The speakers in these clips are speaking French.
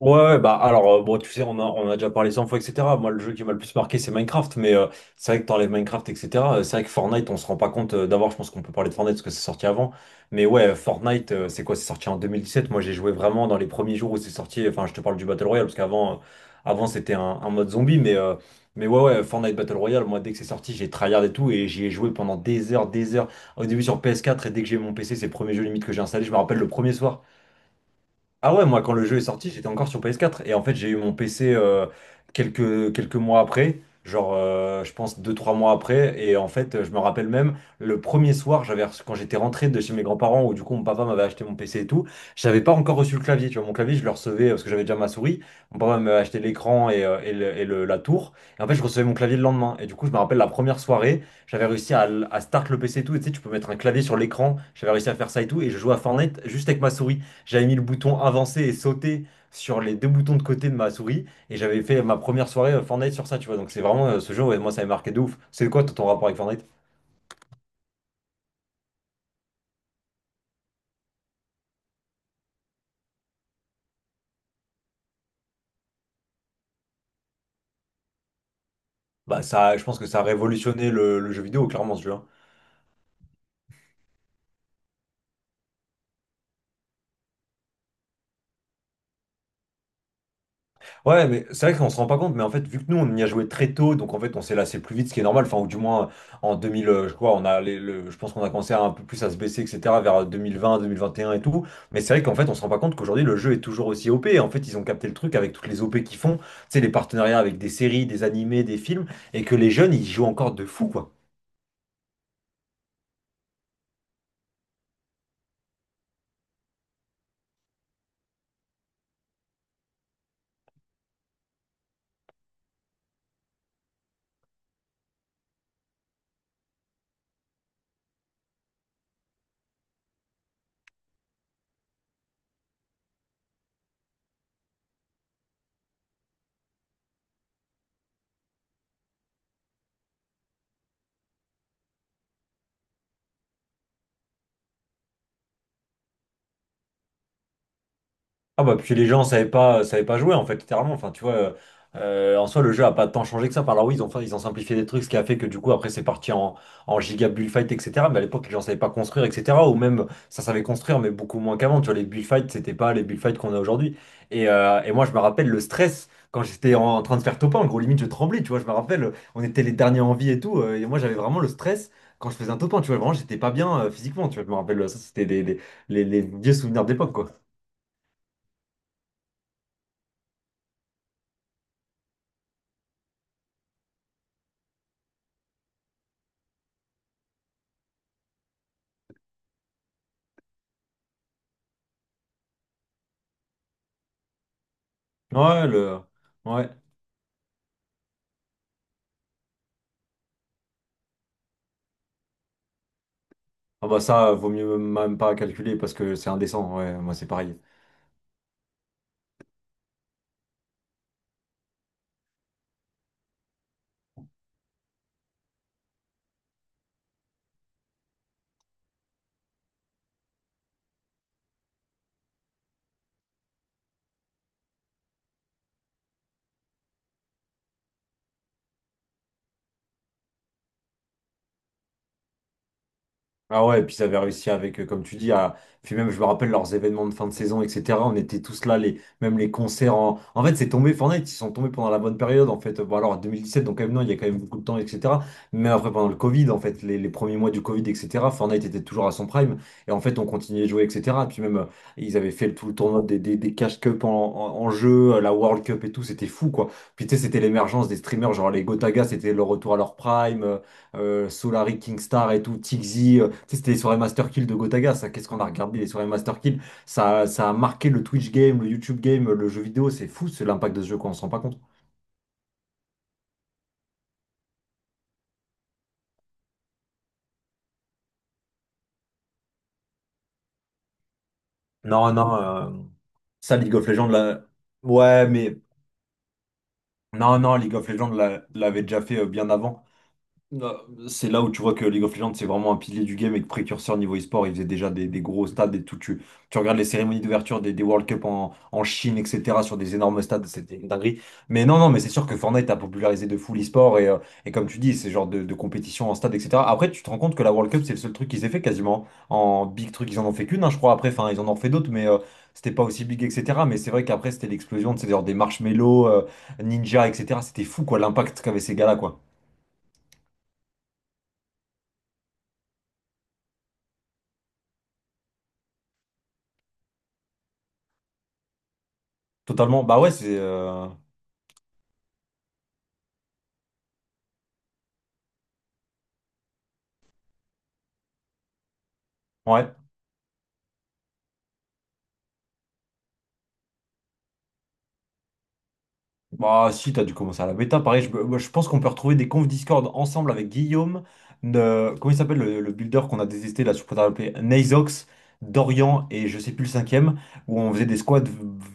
Ouais, ouais, bah alors, bon tu sais on a déjà parlé 100 fois etc. Moi le jeu qui m'a le plus marqué, c'est Minecraft, mais c'est vrai que t'enlèves Minecraft etc. C'est vrai que Fortnite, on se rend pas compte. D'abord je pense qu'on peut parler de Fortnite parce que c'est sorti avant. Mais ouais, Fortnite, c'est quoi, c'est sorti en 2017. Moi j'ai joué vraiment dans les premiers jours où c'est sorti. Enfin, je te parle du Battle Royale, parce qu'avant, avant c'était un mode zombie. Mais mais ouais ouais, Fortnite Battle Royale, moi dès que c'est sorti, j'ai tryhard et tout, et j'y ai joué pendant des heures, des heures, au début sur PS4. Et dès que j'ai eu mon PC, c'est le premier jeu limite que j'ai installé. Je me rappelle le premier soir. Ah ouais, moi quand le jeu est sorti, j'étais encore sur PS4. Et en fait, j'ai eu mon PC quelques mois après, genre je pense 2 3 mois après. Et en fait, je me rappelle même, le premier soir, quand j'étais rentré de chez mes grands-parents, où du coup mon papa m'avait acheté mon PC et tout, j'avais pas encore reçu le clavier. Tu vois, mon clavier, je le recevais parce que j'avais déjà ma souris. Mon papa m'avait acheté l'écran, et la tour. Et en fait, je recevais mon clavier le lendemain. Et du coup, je me rappelle la première soirée, j'avais réussi à, à start le PC et tout. Et tu sais, tu peux mettre un clavier sur l'écran. J'avais réussi à faire ça et tout. Et je jouais à Fortnite juste avec ma souris. J'avais mis le bouton avancer et sauter sur les deux boutons de côté de ma souris, et j'avais fait ma première soirée Fortnite sur ça, tu vois. Donc c'est vraiment ce jeu, ouais, moi ça m'a marqué de ouf. C'est quoi toi, ton rapport avec Fortnite? Bah ça, je pense que ça a révolutionné le jeu vidéo, clairement, ce jeu, hein. Ouais, mais c'est vrai qu'on se rend pas compte, mais en fait, vu que nous, on y a joué très tôt, donc en fait, on s'est lassé plus vite, ce qui est normal. Enfin, ou du moins, en 2000, je crois, on a je pense qu'on a commencé à un peu plus à se baisser, etc., vers 2020, 2021 et un et tout. Mais c'est vrai qu'en fait, on se rend pas compte qu'aujourd'hui, le jeu est toujours aussi OP. En fait, ils ont capté le truc avec toutes les OP qu'ils font, tu sais, les partenariats avec des séries, des animés, des films, et que les jeunes, ils jouent encore de fou, quoi. Ah bah puis les gens savaient pas jouer en fait, littéralement, enfin tu vois. En soi le jeu a pas tant changé que ça par là. Ils ont simplifié des trucs ce qui a fait que du coup après c'est parti en giga bullfight etc. Mais à l'époque les gens savaient pas construire etc, ou même ça savait construire mais beaucoup moins qu'avant, tu vois. Les bullfights c'était pas les bullfights qu'on a aujourd'hui. Et et moi je me rappelle le stress quand j'étais en train de faire top 1, en gros limite je tremblais, tu vois. Je me rappelle on était les derniers en vie et tout, et moi j'avais vraiment le stress quand je faisais un top 1, tu vois. Vraiment j'étais pas bien physiquement, tu vois. Je me rappelle ça, c'était les vieux souvenirs d'époque, quoi. Ouais, le... Ouais. Ah bah ça, vaut mieux même pas calculer parce que c'est indécent. Ouais, moi c'est pareil. Ah ouais, et puis ils avaient réussi avec, comme tu dis, à... Puis même, je me rappelle leurs événements de fin de saison, etc. On était tous là, les... même les concerts en... En fait, c'est tombé, Fortnite, ils sont tombés pendant la bonne période, en fait. Bon, alors, 2017, donc quand même, non, il y a quand même beaucoup de temps, etc. Mais après, pendant le Covid, en fait, les premiers mois du Covid, etc., Fortnite était toujours à son prime. Et en fait, on continuait de jouer, etc. Puis même, ils avaient fait tout le tournoi des Cash Cup en, en jeu, la World Cup et tout, c'était fou, quoi. Puis tu sais, c'était l'émergence des streamers, genre les Gotaga, c'était le retour à leur prime. Solari, Kingstar et tout, Tixi. Tu sais, c'était les soirées Master Kill de Gotaga, ça. Qu'est-ce qu'on a regardé, les soirées Master Kill? Ça a marqué le Twitch game, le YouTube game, le jeu vidéo. C'est fou, c'est l'impact de ce jeu, qu'on s'en rend pas compte. Non, non. Ça, League of Legends, là... ouais, mais non, non, League of Legends l'a- l'avait déjà fait bien avant. Ah, c'est là où tu vois que League of Legends, c'est vraiment un pilier du game et que précurseur niveau e-sport, ils faisaient déjà des gros stades et tout. Tu regardes les cérémonies d'ouverture des World Cup en, en Chine, etc., sur des énormes stades, c'était une dinguerie. Mais non, non, mais c'est sûr que Fortnite a popularisé de fou l'e-sport, et et comme tu dis, c'est genre de compétition en stade, etc. Après, tu te rends compte que la World Cup, c'est le seul truc qu'ils aient fait quasiment. En big truc, ils en ont fait qu'une, hein, je crois. Après, enfin, ils en ont fait d'autres, mais c'était pas aussi big, etc. Mais c'est vrai qu'après, c'était l'explosion de ces genre des marshmallows, ninja, etc. C'était fou, quoi, l'impact qu'avaient ces gars-là, quoi. Totalement. Bah ouais, c'est. Ouais. Bah si, t'as dû commencer à la bêta. Pareil, moi, je pense qu'on peut retrouver des confs Discord ensemble avec Guillaume, comment il s'appelle le builder qu'on a détesté là, je pourrais l'appeler Nazox, Dorian et je sais plus le cinquième, où on faisait des squads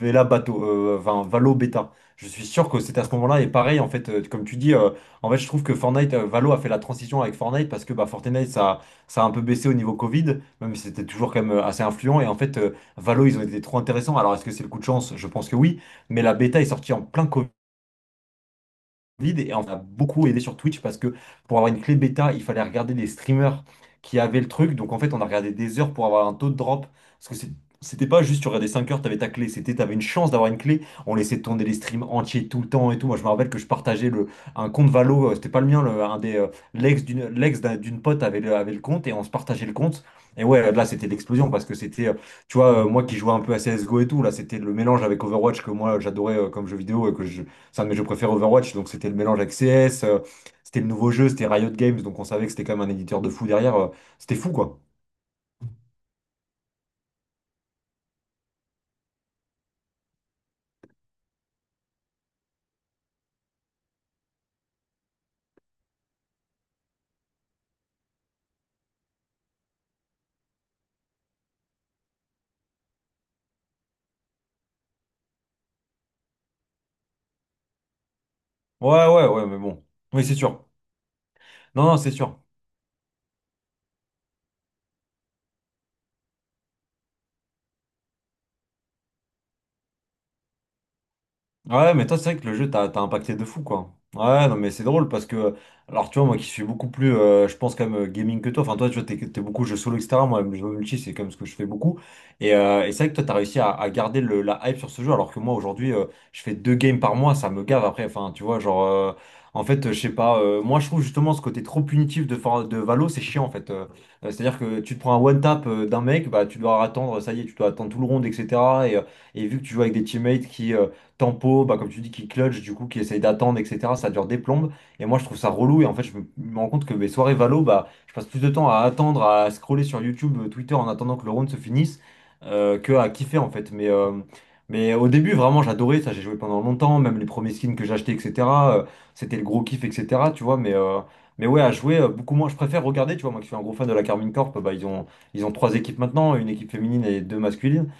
Vela bateau, enfin, Valo bêta. Je suis sûr que c'était à ce moment-là. Et pareil en fait, comme tu dis, en fait je trouve que Fortnite, Valo a fait la transition avec Fortnite, parce que bah, ça a un peu baissé au niveau Covid, même si c'était toujours quand même assez influent. Et en fait Valo, ils ont été trop intéressants. Alors est-ce que c'est le coup de chance? Je pense que oui. Mais la bêta est sortie en plein Covid vide et on a beaucoup aidé sur Twitch, parce que pour avoir une clé bêta, il fallait regarder les streamers qui avaient le truc. Donc en fait, on a regardé des heures pour avoir un taux de drop, parce que c'était pas juste tu regardais 5 heures, t'avais ta clé, c'était t'avais une chance d'avoir une clé. On laissait tourner les streams entiers tout le temps et tout. Moi, je me rappelle que je partageais le un compte Valo, c'était pas le mien, un des d'une pote avait avait le compte, et on se partageait le compte. Et ouais, là, c'était l'explosion parce que c'était tu vois, moi qui jouais un peu à CSGO et tout, là, c'était le mélange avec Overwatch que moi j'adorais comme jeu vidéo, et c'est un de mes jeux préférés Overwatch. Donc c'était le mélange avec CS, c'était le nouveau jeu, c'était Riot Games, donc on savait que c'était quand même un éditeur de fou derrière. C'était fou, quoi. Ouais, ouais, ouais, mais bon. Oui, c'est sûr. Non, non, c'est sûr. Ouais, mais toi, c'est vrai que le jeu t'a impacté de fou, quoi. Ouais, non, mais c'est drôle parce que, alors, tu vois, moi qui suis beaucoup plus, je pense, quand même, gaming que toi. Enfin, toi, tu vois, t'es beaucoup jeu solo, etc. Moi, le jeu multi, c'est comme ce que je fais beaucoup. Et, et c'est vrai que toi, t'as réussi à garder la hype sur ce jeu, alors que moi, aujourd'hui, je fais 2 games par mois, ça me gave après. Enfin, tu vois, genre, en fait, je sais pas, moi, je trouve justement ce côté trop punitif de, de Valo, c'est chiant, en fait. C'est-à-dire que tu te prends un one-tap d'un mec, bah, tu dois attendre, ça y est, tu dois attendre tout le round, etc. Et, euh, et vu que tu joues avec des teammates qui. Tempo, bah, comme tu dis, qui clutch, du coup, qui essaye d'attendre, etc. Ça dure des plombes. Et moi, je trouve ça relou. Et en fait, je me rends compte que mes soirées valo, bah, je passe plus de temps à attendre, à scroller sur YouTube, Twitter en attendant que le round se finisse, que à kiffer, en fait. Mais au début, vraiment, j'adorais ça. J'ai joué pendant longtemps, même les premiers skins que j'achetais, etc. euh, C'était le gros kiff, etc. Tu vois, mais. Mais ouais, à jouer, beaucoup moins. Je préfère regarder, tu vois, moi qui suis un gros fan de la Carmine Corp, bah, ils ont 3 équipes maintenant, une équipe féminine et deux masculines.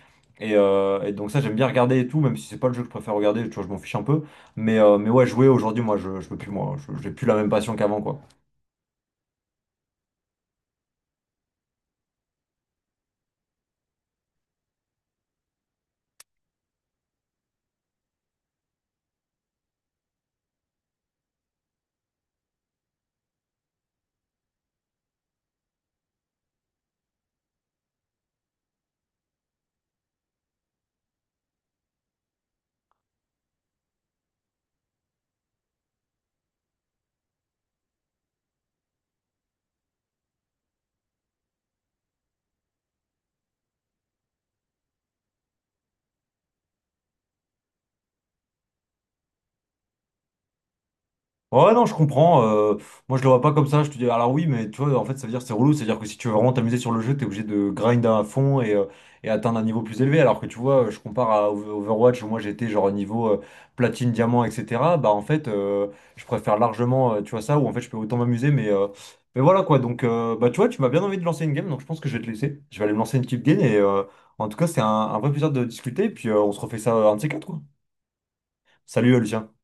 Et, et donc ça j'aime bien regarder et tout, même si c'est pas le jeu que je préfère regarder, tu vois, je m'en fiche un peu. Mais ouais, jouer aujourd'hui, je peux plus, moi, j'ai plus la même passion qu'avant, quoi. Ouais, non, je comprends. Moi, je le vois pas comme ça. Je te dis, alors oui, mais tu vois, en fait, ça veut dire que c'est relou. C'est-à-dire que si tu veux vraiment t'amuser sur le jeu, t'es obligé de grind à fond, et atteindre un niveau plus élevé. Alors que tu vois, je compare à Overwatch où moi j'étais genre niveau platine, diamant, etc. Bah, en fait, je préfère largement, tu vois, ça où en fait je peux autant m'amuser. Mais voilà quoi. Donc, bah, tu vois, tu m'as bien envie de lancer une game. Donc, je pense que je vais te laisser. Je vais aller me lancer une petite game. Et en tout cas, c'est un vrai plaisir de discuter. Et puis, on se refait ça un de ces quatre, quoi. Salut, Lucien.